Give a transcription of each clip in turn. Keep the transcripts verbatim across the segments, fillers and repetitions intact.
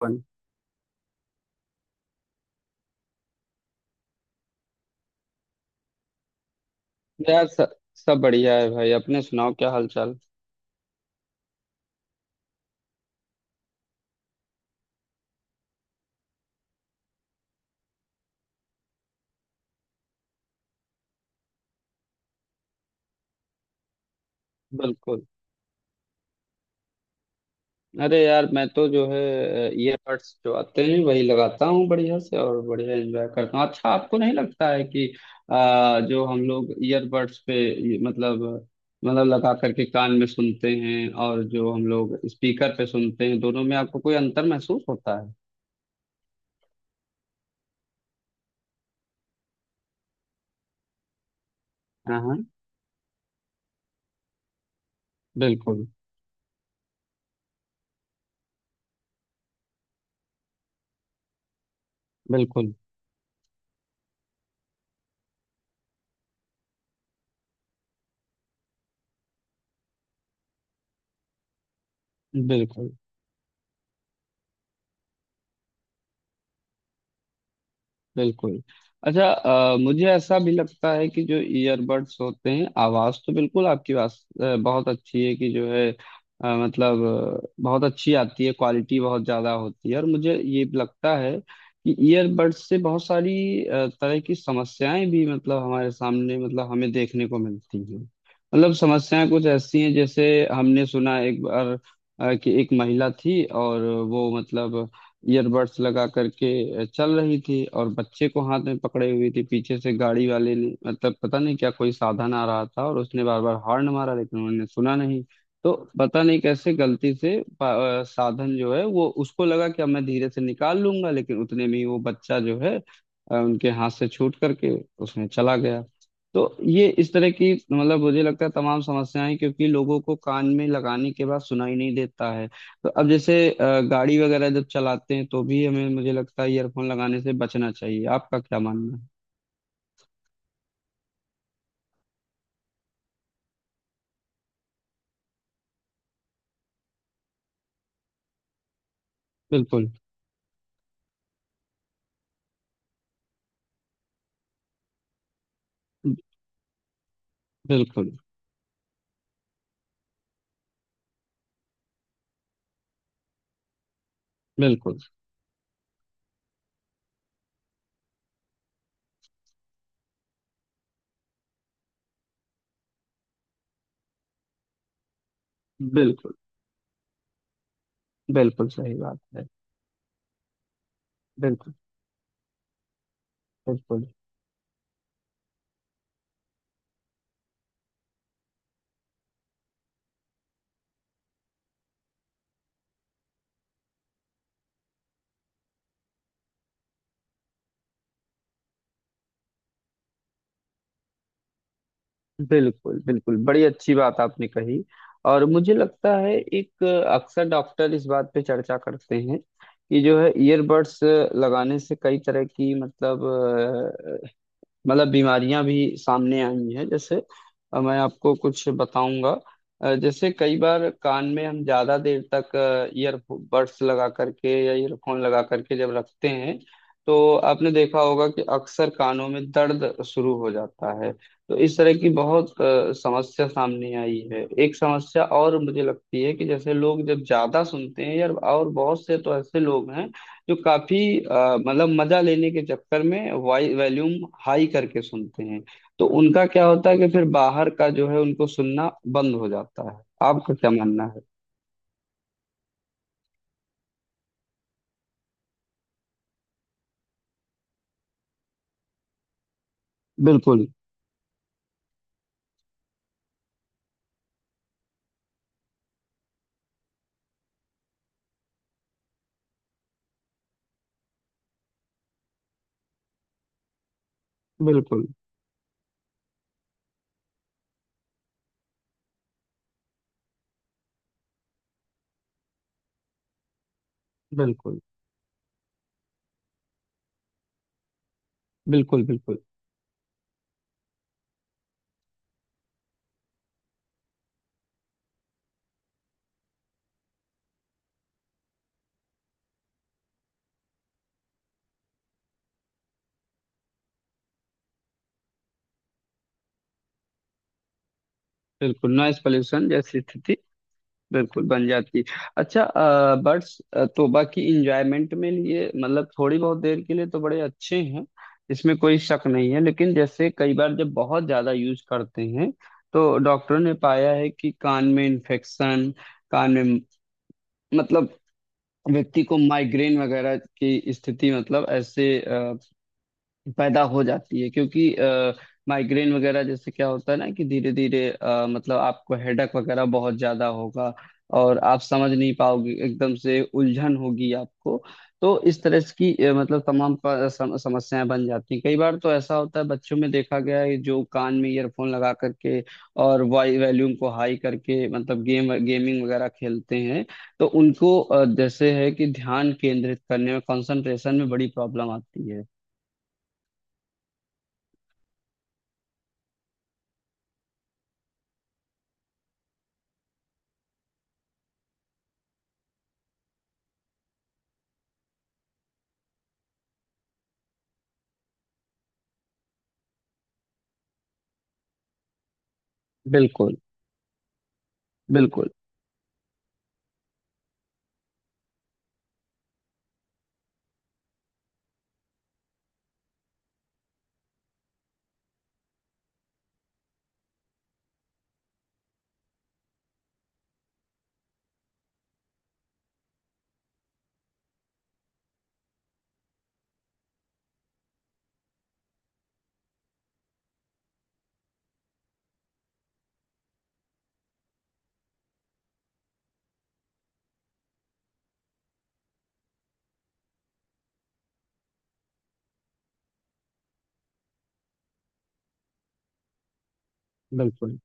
अपन। यार सब सब बढ़िया है भाई। अपने सुनाओ क्या हाल चाल। बिल्कुल। अरे यार मैं तो जो है ईयरबड्स जो आते हैं वही लगाता हूँ बढ़िया से और बढ़िया एंजॉय करता हूँ। अच्छा, आपको नहीं लगता है कि आ, जो हम लोग ईयरबड्स पे ये मतलब मतलब लगा करके कान में सुनते हैं और जो हम लोग स्पीकर पे सुनते हैं, दोनों में आपको कोई अंतर महसूस होता है? हाँ, हाँ। बिल्कुल, बिल्कुल, बिल्कुल, बिल्कुल। अच्छा, अ, मुझे ऐसा भी लगता है कि जो ईयरबड्स होते हैं आवाज तो बिल्कुल, आपकी आवाज अ, बहुत अच्छी है कि जो है अ, मतलब अ, बहुत अच्छी आती है, क्वालिटी बहुत ज्यादा होती है। और मुझे ये भी लगता है कि ईयरबड्स से बहुत सारी अ, तरह की समस्याएं भी मतलब हमारे सामने मतलब हमें देखने को मिलती हैं। मतलब समस्याएं कुछ ऐसी हैं जैसे हमने सुना एक बार अ, कि एक महिला थी और वो मतलब ईयरबड्स लगा करके चल रही थी और बच्चे को हाथ में पकड़े हुई थी। पीछे से गाड़ी वाले ने मतलब पता नहीं क्या कोई साधन आ रहा था, और उसने बार बार हॉर्न मारा लेकिन उन्होंने सुना नहीं। तो पता नहीं कैसे गलती से पा- अ, साधन जो है वो, उसको लगा कि अब मैं धीरे से निकाल लूंगा, लेकिन उतने में ही वो बच्चा जो है अ, उनके हाथ से छूट करके उसमें चला गया। तो ये इस तरह की मतलब, मुझे लगता है तमाम समस्याएं, क्योंकि लोगों को कान में लगाने के बाद सुनाई नहीं देता है। तो अब जैसे अ, गाड़ी वगैरह जब चलाते हैं तो भी हमें मुझे लगता है ईयरफोन लगाने से बचना चाहिए। आपका क्या मानना है? बिल्कुल, बिल्कुल, बिल्कुल, बिल्कुल। बिल्कुल सही बात है। बिल्कुल, बिल्कुल, बिल्कुल, बिल्कुल, बड़ी अच्छी बात आपने कही। और मुझे लगता है एक अ, अक्सर डॉक्टर इस बात पे चर्चा करते हैं कि जो है ईयरबड्स लगाने से कई तरह की मतलब मतलब बीमारियां भी सामने आई हैं। जैसे अ, मैं आपको कुछ बताऊंगा। अ, जैसे कई बार कान में हम ज्यादा देर तक ईयरबड्स लगा करके या ईयरफोन लगा करके जब रखते हैं, तो आपने देखा होगा कि अक्सर कानों में दर्द शुरू हो जाता है। तो इस तरह की बहुत अ, समस्या सामने आई है। एक समस्या और मुझे लगती है कि जैसे लोग जब ज्यादा सुनते हैं यार, और बहुत से तो ऐसे लोग हैं जो काफी अ, मतलब मजा लेने के चक्कर में वाई वॉल्यूम हाई करके सुनते हैं। तो उनका क्या होता है कि फिर बाहर का जो है उनको सुनना बंद हो जाता है। आपका क्या मानना है? बिल्कुल, बिल्कुल, बिल्कुल, बिल्कुल, बिल्कुल, बिल्कुल। नॉइस पॉल्यूशन जैसी स्थिति बिल्कुल बन जाती। अच्छा, आ, बट्स तो बाकी इंजॉयमेंट में लिए मतलब थोड़ी बहुत देर के लिए तो बड़े अच्छे हैं, इसमें कोई शक नहीं है। लेकिन जैसे कई बार जब बहुत ज्यादा यूज करते हैं तो डॉक्टरों ने पाया है कि कान में इन्फेक्शन, कान में मतलब व्यक्ति को माइग्रेन वगैरह की स्थिति मतलब ऐसे पैदा हो जाती है। क्योंकि माइग्रेन वगैरह जैसे क्या होता है ना कि धीरे धीरे अ, मतलब आपको हेडक वगैरह बहुत ज्यादा होगा, और आप समझ नहीं पाओगे, एकदम से उलझन होगी आपको। तो इस तरह की अ, मतलब तमाम प- सम, समस्याएं बन जाती हैं। कई बार तो ऐसा होता है, बच्चों में देखा गया है, जो कान में ईयरफोन लगा करके और वाई वॉल्यूम को हाई करके मतलब गेम गेमिंग वगैरह खेलते हैं, तो उनको अ, जैसे है कि ध्यान केंद्रित करने में, कंसंट्रेशन में बड़ी प्रॉब्लम आती है। बिल्कुल, बिल्कुल, बिल्कुल,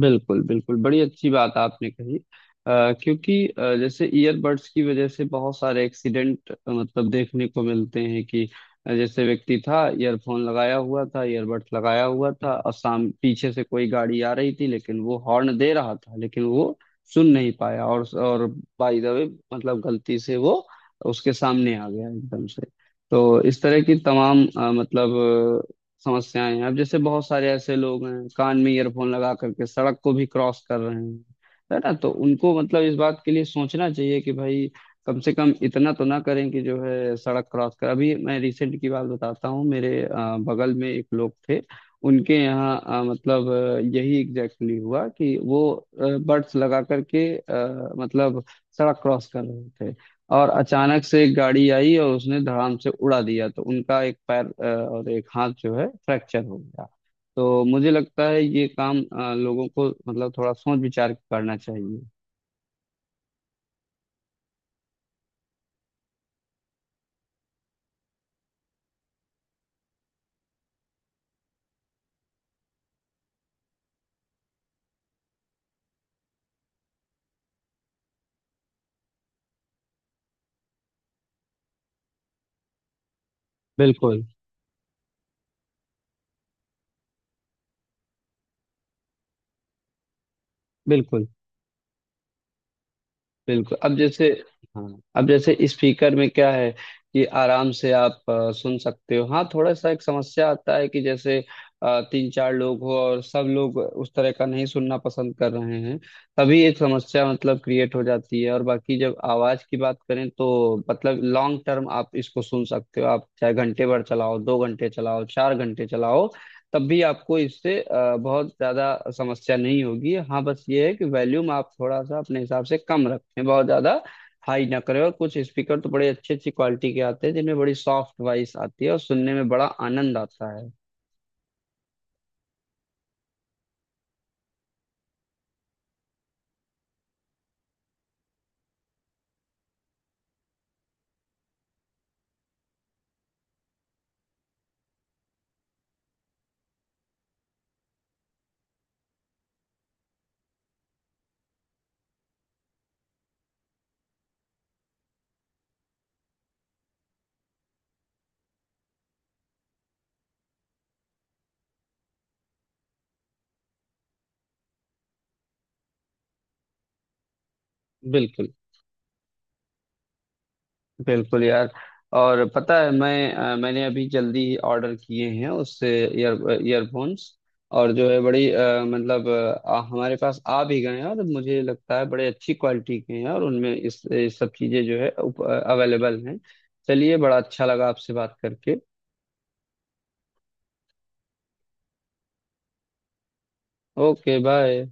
बिल्कुल, बिल्कुल, बड़ी अच्छी बात आपने कही। अ, क्योंकि अ, जैसे ईयरबड्स की वजह से बहुत सारे एक्सीडेंट मतलब देखने को मिलते हैं कि अ, जैसे व्यक्ति था, ईयरफोन लगाया हुआ था, ईयरबड्स लगाया हुआ था, और साम पीछे से कोई गाड़ी आ रही थी लेकिन वो हॉर्न दे रहा था, लेकिन वो सुन नहीं पाया, और और बाय द वे मतलब गलती से वो उसके सामने आ गया एकदम से। तो इस तरह की तमाम अ, मतलब समस्याएं हैं। अब जैसे बहुत सारे ऐसे लोग हैं कान में ईयरफोन लगा करके सड़क को भी क्रॉस कर रहे हैं, है ना? तो उनको मतलब इस बात के लिए सोचना चाहिए कि भाई कम से कम इतना तो ना करें कि जो है सड़क क्रॉस कर। अभी मैं रिसेंट की बात बताता हूँ, मेरे अ, बगल में एक लोग थे, उनके यहाँ अ, मतलब अ, यही एग्जैक्टली exactly हुआ कि वो बर्ड्स लगा करके अ, मतलब सड़क क्रॉस कर रहे थे, और अचानक से एक गाड़ी आई और उसने धड़ाम से उड़ा दिया। तो उनका एक पैर अ, और एक हाथ जो है फ्रैक्चर हो गया। तो मुझे लगता है ये काम अ, लोगों को मतलब थोड़ा सोच विचार के करना चाहिए। बिल्कुल, बिल्कुल, बिल्कुल। अब जैसे, हाँ, अब जैसे स्पीकर में क्या है कि आराम से आप अ, सुन सकते हो। हाँ, थोड़ा सा एक समस्या आता है कि जैसे अ, तीन चार लोग हो और सब लोग उस तरह का नहीं सुनना पसंद कर रहे हैं, तभी एक समस्या मतलब क्रिएट हो जाती है। और बाकी जब आवाज की बात करें तो मतलब लॉन्ग टर्म आप इसको सुन सकते हो, आप चाहे घंटे भर चलाओ, दो घंटे चलाओ, चार घंटे चलाओ, तब भी आपको इससे अ, बहुत ज्यादा समस्या नहीं होगी। हाँ, बस ये है कि वॉल्यूम आप थोड़ा सा अपने हिसाब से कम रखें, बहुत ज्यादा हाई ना करें। और कुछ स्पीकर तो बड़े अच्छी अच्छी क्वालिटी के आते हैं जिनमें बड़ी सॉफ्ट वॉइस आती है और सुनने में बड़ा आनंद आता है। बिल्कुल, बिल्कुल यार। और पता है मैं अ, मैंने अभी जल्दी ही ऑर्डर किए हैं उससे ईयर ईयरफोन्स, और जो है बड़ी अ, मतलब अ, हमारे पास आ भी गए हैं, और मुझे लगता है बड़े अच्छी क्वालिटी के हैं और उनमें इस, इस सब चीज़ें जो है अवेलेबल हैं। चलिए, बड़ा अच्छा लगा आपसे बात करके। Okay bye.